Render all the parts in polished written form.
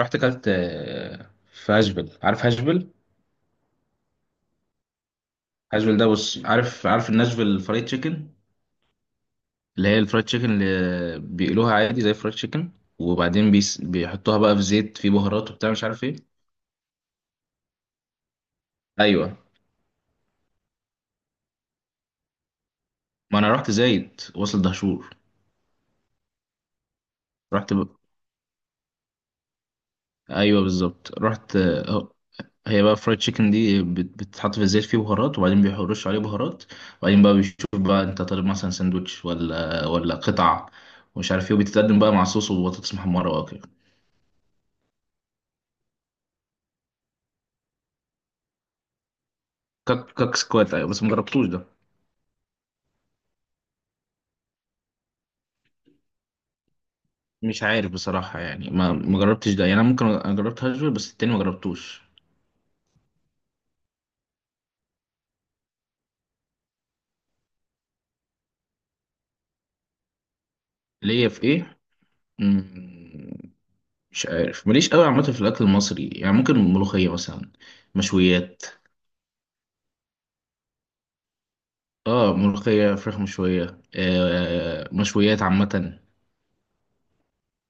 رحت كلت في هاشفيل. عارف هاشفيل؟ هاشفيل ده، بص، عارف الناشفيل الفرايد تشيكن. اللي هي الفرايد تشيكن اللي بيقلوها عادي زي الفرايد تشيكن، وبعدين بيحطوها بقى في زيت، في بهارات وبتاع مش عارف ايه. ايوه، ما انا رحت زايد، وصل دهشور. رحت ب... ايوه بالظبط، رحت هي بقى فرايد تشيكن دي بتتحط في الزيت، فيه بهارات، وبعدين بيرشوا عليه بهارات. وبعدين بقى بيشوف بقى انت طالب مثلا ساندوتش ولا قطع ومش عارف ايه، وبتتقدم بقى مع صوص وبطاطس محمره. كاك كاك سكوات، ايوه، بس ما جربتوش ده. مش عارف بصراحه، يعني ما جربتش ده يعني. انا ممكن جربت هاجر بس التاني ما جربتوش. ليا في ايه؟ مم، مش عارف، ماليش قوي عامه في الاكل المصري، يعني ممكن ملوخيه مثلا، مشويات. اه، ملوخيه، فراخ مشويه، مشويات عامه.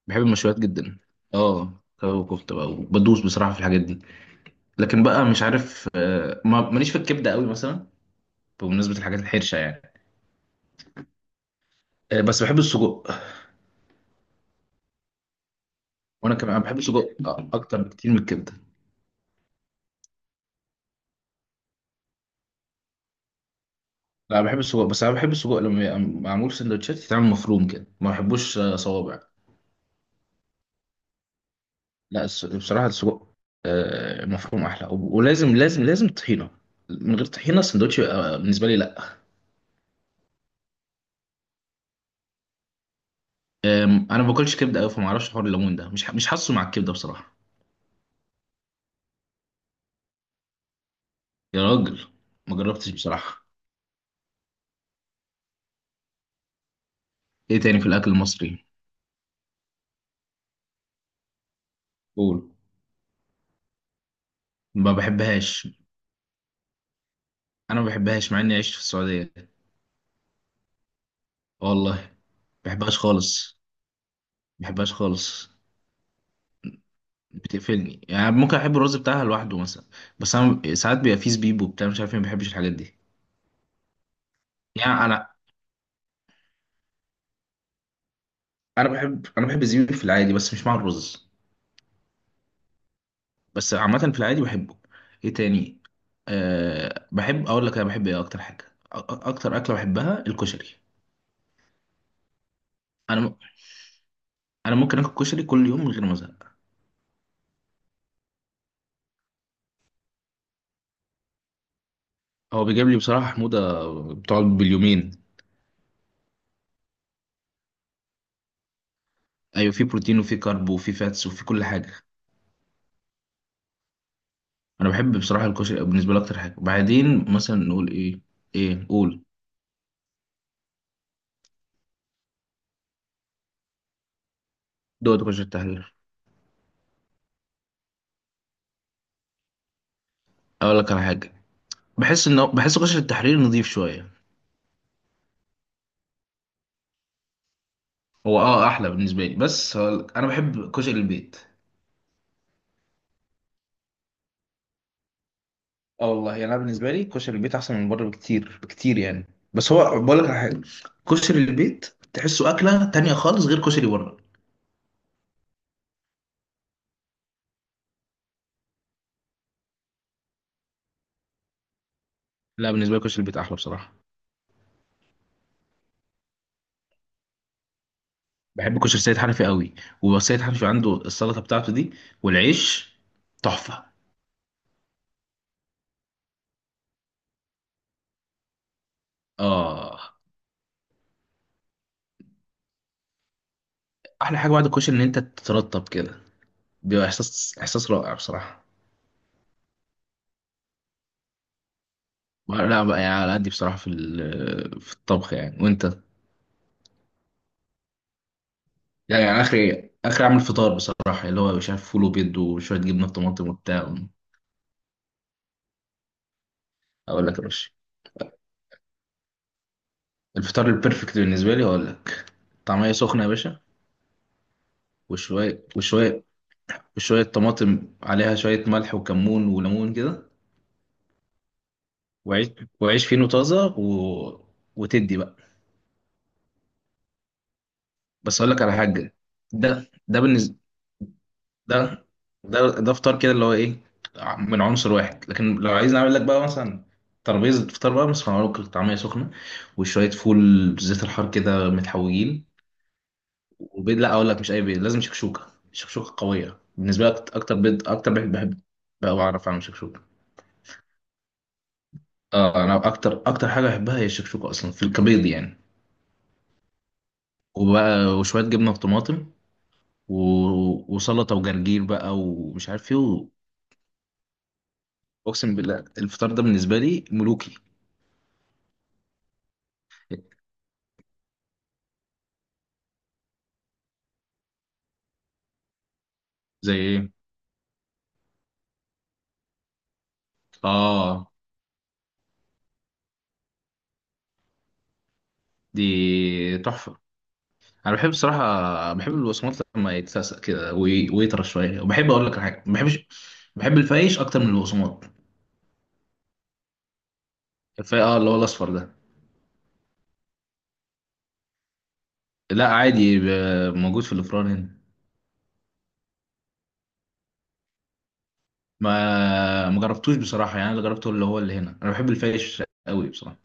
بحب المشويات جدا. اه كباب وكفته بقى، بدوس بصراحه في الحاجات دي. لكن بقى مش عارف، ماليش في الكبده قوي مثلا، بمناسبه الحاجات الحرشه يعني. بس بحب السجق. وانا كمان انا بحب السجق اكتر بكتير من الكبده. لا، بحب السجق، بس انا بحب السجق لما يبقى معمول سندوتشات، يتعمل مفروم كده، ما بحبوش صوابع. لا بصراحه السجق مفروم احلى، ولازم لازم لازم طحينه. من غير طحينه السندوتش يبقى بالنسبه لي لا. انا ما باكلش كبده قوي، فما اعرفش حوار الليمون ده، مش حاسه مع الكبده بصراحه. يا راجل، ما جربتش بصراحه. ايه تاني في الاكل المصري؟ قول. ما بحبهاش. انا ما بحبهاش مع اني عشت في السعوديه. والله، ما بحبهاش خالص، ما بحبهاش خالص. بتقفلني، يعني ممكن احب الرز بتاعها لوحده مثلا، بس انا ساعات بيبقى فيه زبيب وبتاع مش عارف ايه، ما بحبش الحاجات دي. يعني انا بحب الزبيب في العادي بس مش مع الرز، بس عامه في العادي بحبه. ايه تاني؟ أه بحب اقول لك، انا بحب ايه اكتر حاجه، اكتر اكله بحبها الكشري. انا م- انا ممكن اكل كشري كل يوم من غير ما ازهق. هو بيجيب لي بصراحه حموضه بتقعد باليومين. ايوه، في بروتين وفي كارب وفي فاتس وفي كل حاجه. انا بحب بصراحه الكشري، بالنسبه لي اكتر حاجه. بعدين مثلا نقول ايه؟ ايه، قول. دوت غش التحرير. اقول لك على حاجه، بحس غش التحرير نظيف شويه. هو اه، احلى بالنسبه لي، بس هقول لك، انا بحب كشري البيت. اه والله يعني، انا بالنسبه لي كشري البيت احسن من بره بكتير بكتير يعني. بس هو بقول لك على حاجه، كشري البيت تحسه اكله تانية خالص غير كشري بره. لا، بالنسبه لي كشري البيت احلى بصراحه. بحب كشري سيد حنفي قوي، وسيد حنفي عنده السلطه بتاعته دي والعيش، تحفه. اه، احلى حاجه بعد الكشري ان انت تترطب كده، بيبقى احساس، احساس رائع بصراحه. لا بقى يعني، على قدي بصراحة في في الطبخ يعني، وانت؟ يعني يعني اخري اعمل فطار بصراحة، اللي هو مش عارف فول وبيض وشوية جبنة طماطم وبتاع. اقول لك يا باشا، الفطار البرفكت بالنسبة لي، اقول لك، طعمية سخنة يا باشا، وشوية وشوية وشوية طماطم عليها شوية ملح وكمون وليمون كده، وعيش، وعيش فينو طازة وتدي بقى. بس اقول لك على حاجة، ده ده بالنسبة ده ده ده فطار كده اللي هو ايه، من عنصر واحد. لكن لو عايز نعمل لك بقى مثلا ترابيزة فطار بقى، بس هنعمل لك طعمية سخنة وشوية فول زيت الحار كده متحوجين، وبيض. لا، اقول لك، مش اي بيض، لازم شكشوكة. شكشوكة قوية بالنسبة لك، اكتر بيض بحب. بقى بعرف اعمل شكشوكة. اه انا اكتر حاجة بحبها هي الشكشوكة اصلا، في الكبيض يعني. وبقى وشوية جبنة وطماطم وسلطة وجرجير بقى ومش عارف ايه اقسم بالله الفطار ده بالنسبة لي ملوكي. زي ايه؟ اه، دي تحفه. انا بحب الصراحه، بحب البقسماط لما يتسقسق كده ويطرى شويه، وبحب اقول لك على حاجه ما بحبش، بحب الفايش اكتر من البقسماط. الفايش اه، اللي هو الاصفر ده. لا عادي، موجود في الافران هنا. ما جربتوش بصراحه يعني، اللي جربته اللي هو اللي هنا. انا بحب الفايش قوي بصراحه.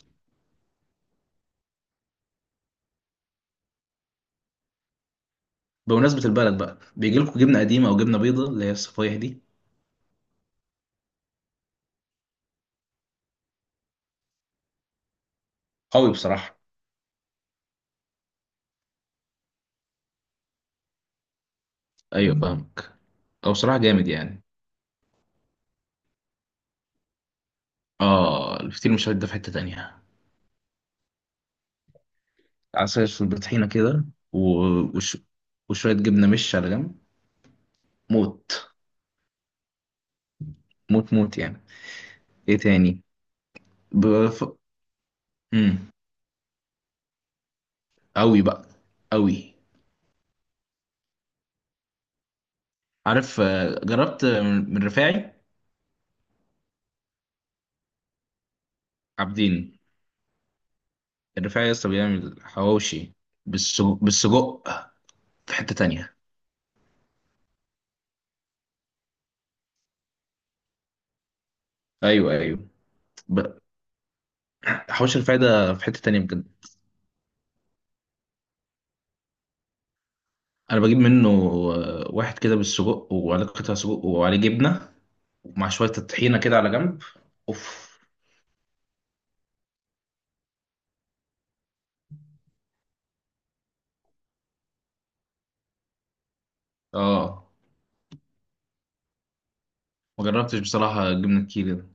بمناسبه البلد بقى، بيجي لكم جبنه قديمه او جبنه بيضه اللي هي الصفايح دي؟ قوي بصراحه. ايوه فاهمك، او بصراحه جامد يعني. اه، الفطير مشلتت ده في حته تانيه. عسل بطحينة كده و- وش... وشوية جبنة مش على جنب. موت، موت، موت يعني. ايه تاني؟ بف... مم. أوي بقى، أوي. عارف جربت من رفاعي. عابدين. الرفاعي لسه بيعمل حواوشي بالسجق؟ بالسجق في حتة تانية. أيوه أيوه. ب... حواوشي الرفاعي ده في حتة تانية بجد. أنا بجيب منه واحد كده بالسجق وعليه قطع سجق وعليه جبنة، ومع شوية الطحينة كده على جنب. أوف. آه، ما جربتش بصراحة جبنة الكيري ده.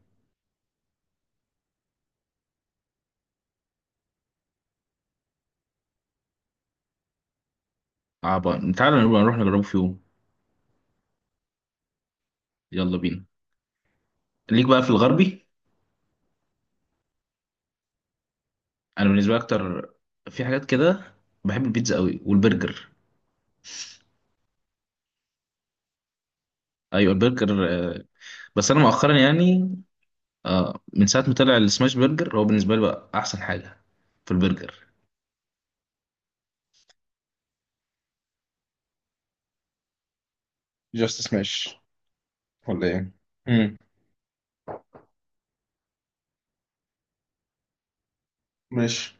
عبا تعالى نبقى نروح نجربه في يوم. يلا بينا. ليك بقى في الغربي؟ أنا بالنسبة لي أكتر، في حاجات كده بحب البيتزا قوي والبرجر. أيوة البرجر بس أنا مؤخرا يعني، من ساعة ما طلع السماش برجر، هو بالنسبة لي بقى أحسن حاجة في البرجر. جاست سماش ولا ايه؟ امم. ماشي.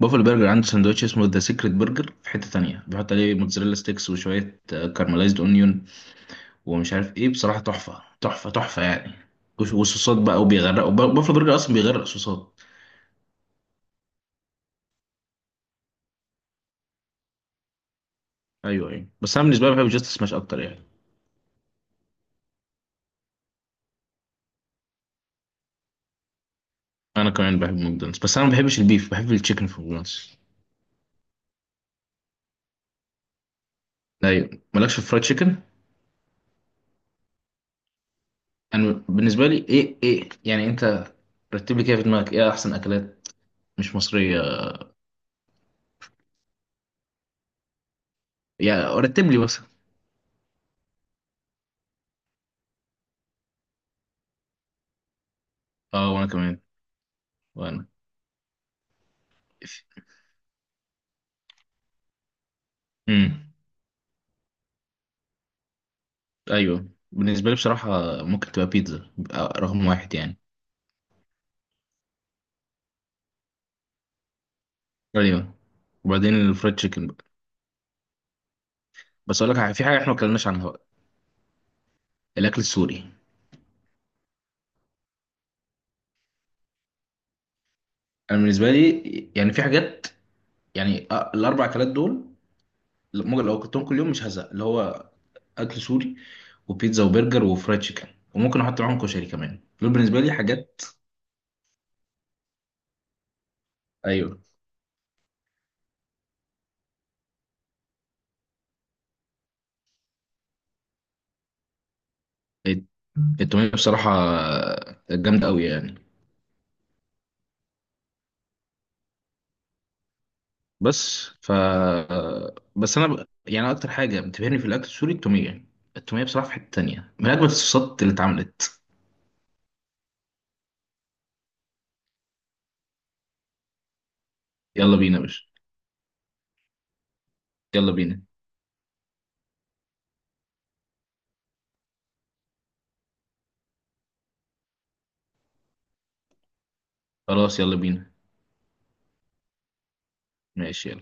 بافل برجر عنده سندوتش اسمه ذا سيكريت برجر، في حتة تانية، بيحط عليه موتزاريلا ستيكس وشوية كارملايزد اونيون ومش عارف ايه، بصراحه تحفه، تحفه، تحفه يعني. والصوصات بقى، وبيغرقوا، بافلو برجر اصلا بيغرق صوصات. ايوه ايوه، بس انا بالنسبه لي بحب جاست سماش اكتر يعني. انا كمان بحب ماكدونالدز، بس انا ما بحبش البيف، بحب التشيكن في ماكدونالدز. ايوه، مالكش في فرايد تشيكن. انا بالنسبه لي ايه ايه يعني، انت رتب لي كده في دماغك ايه احسن اكلات مش مصريه. يعني رتب لي مثلا. اه، وانا كمان. وانا. امم. ايوه بالنسبه لي بصراحه، ممكن تبقى بيتزا رقم 1 يعني. ايوه، وبعدين الفرايد تشيكن. بس اقول لك حاجة، في حاجه احنا ما اتكلمناش عنها بقى. الاكل السوري. انا بالنسبه لي يعني، في حاجات، يعني الـ 4 اكلات دول ممكن لو اكلتهم كل يوم مش هزهق، اللي هو اكل سوري وبيتزا وبرجر وفرايد تشيكن. وممكن احط معاهم كشري كمان، دول بالنسبه لي حاجات. ايوه. الت- التوميه بصراحه جامده قوي يعني. بس ف، بس انا يعني اكتر حاجه بتبهرني في الاكل السوري التوميه. التوميه بصراحه في حته تانية، من اجمل الصوصات اللي اتعملت. يلا بينا يا باشا. يلا بينا. خلاص يلا بينا. ماشي.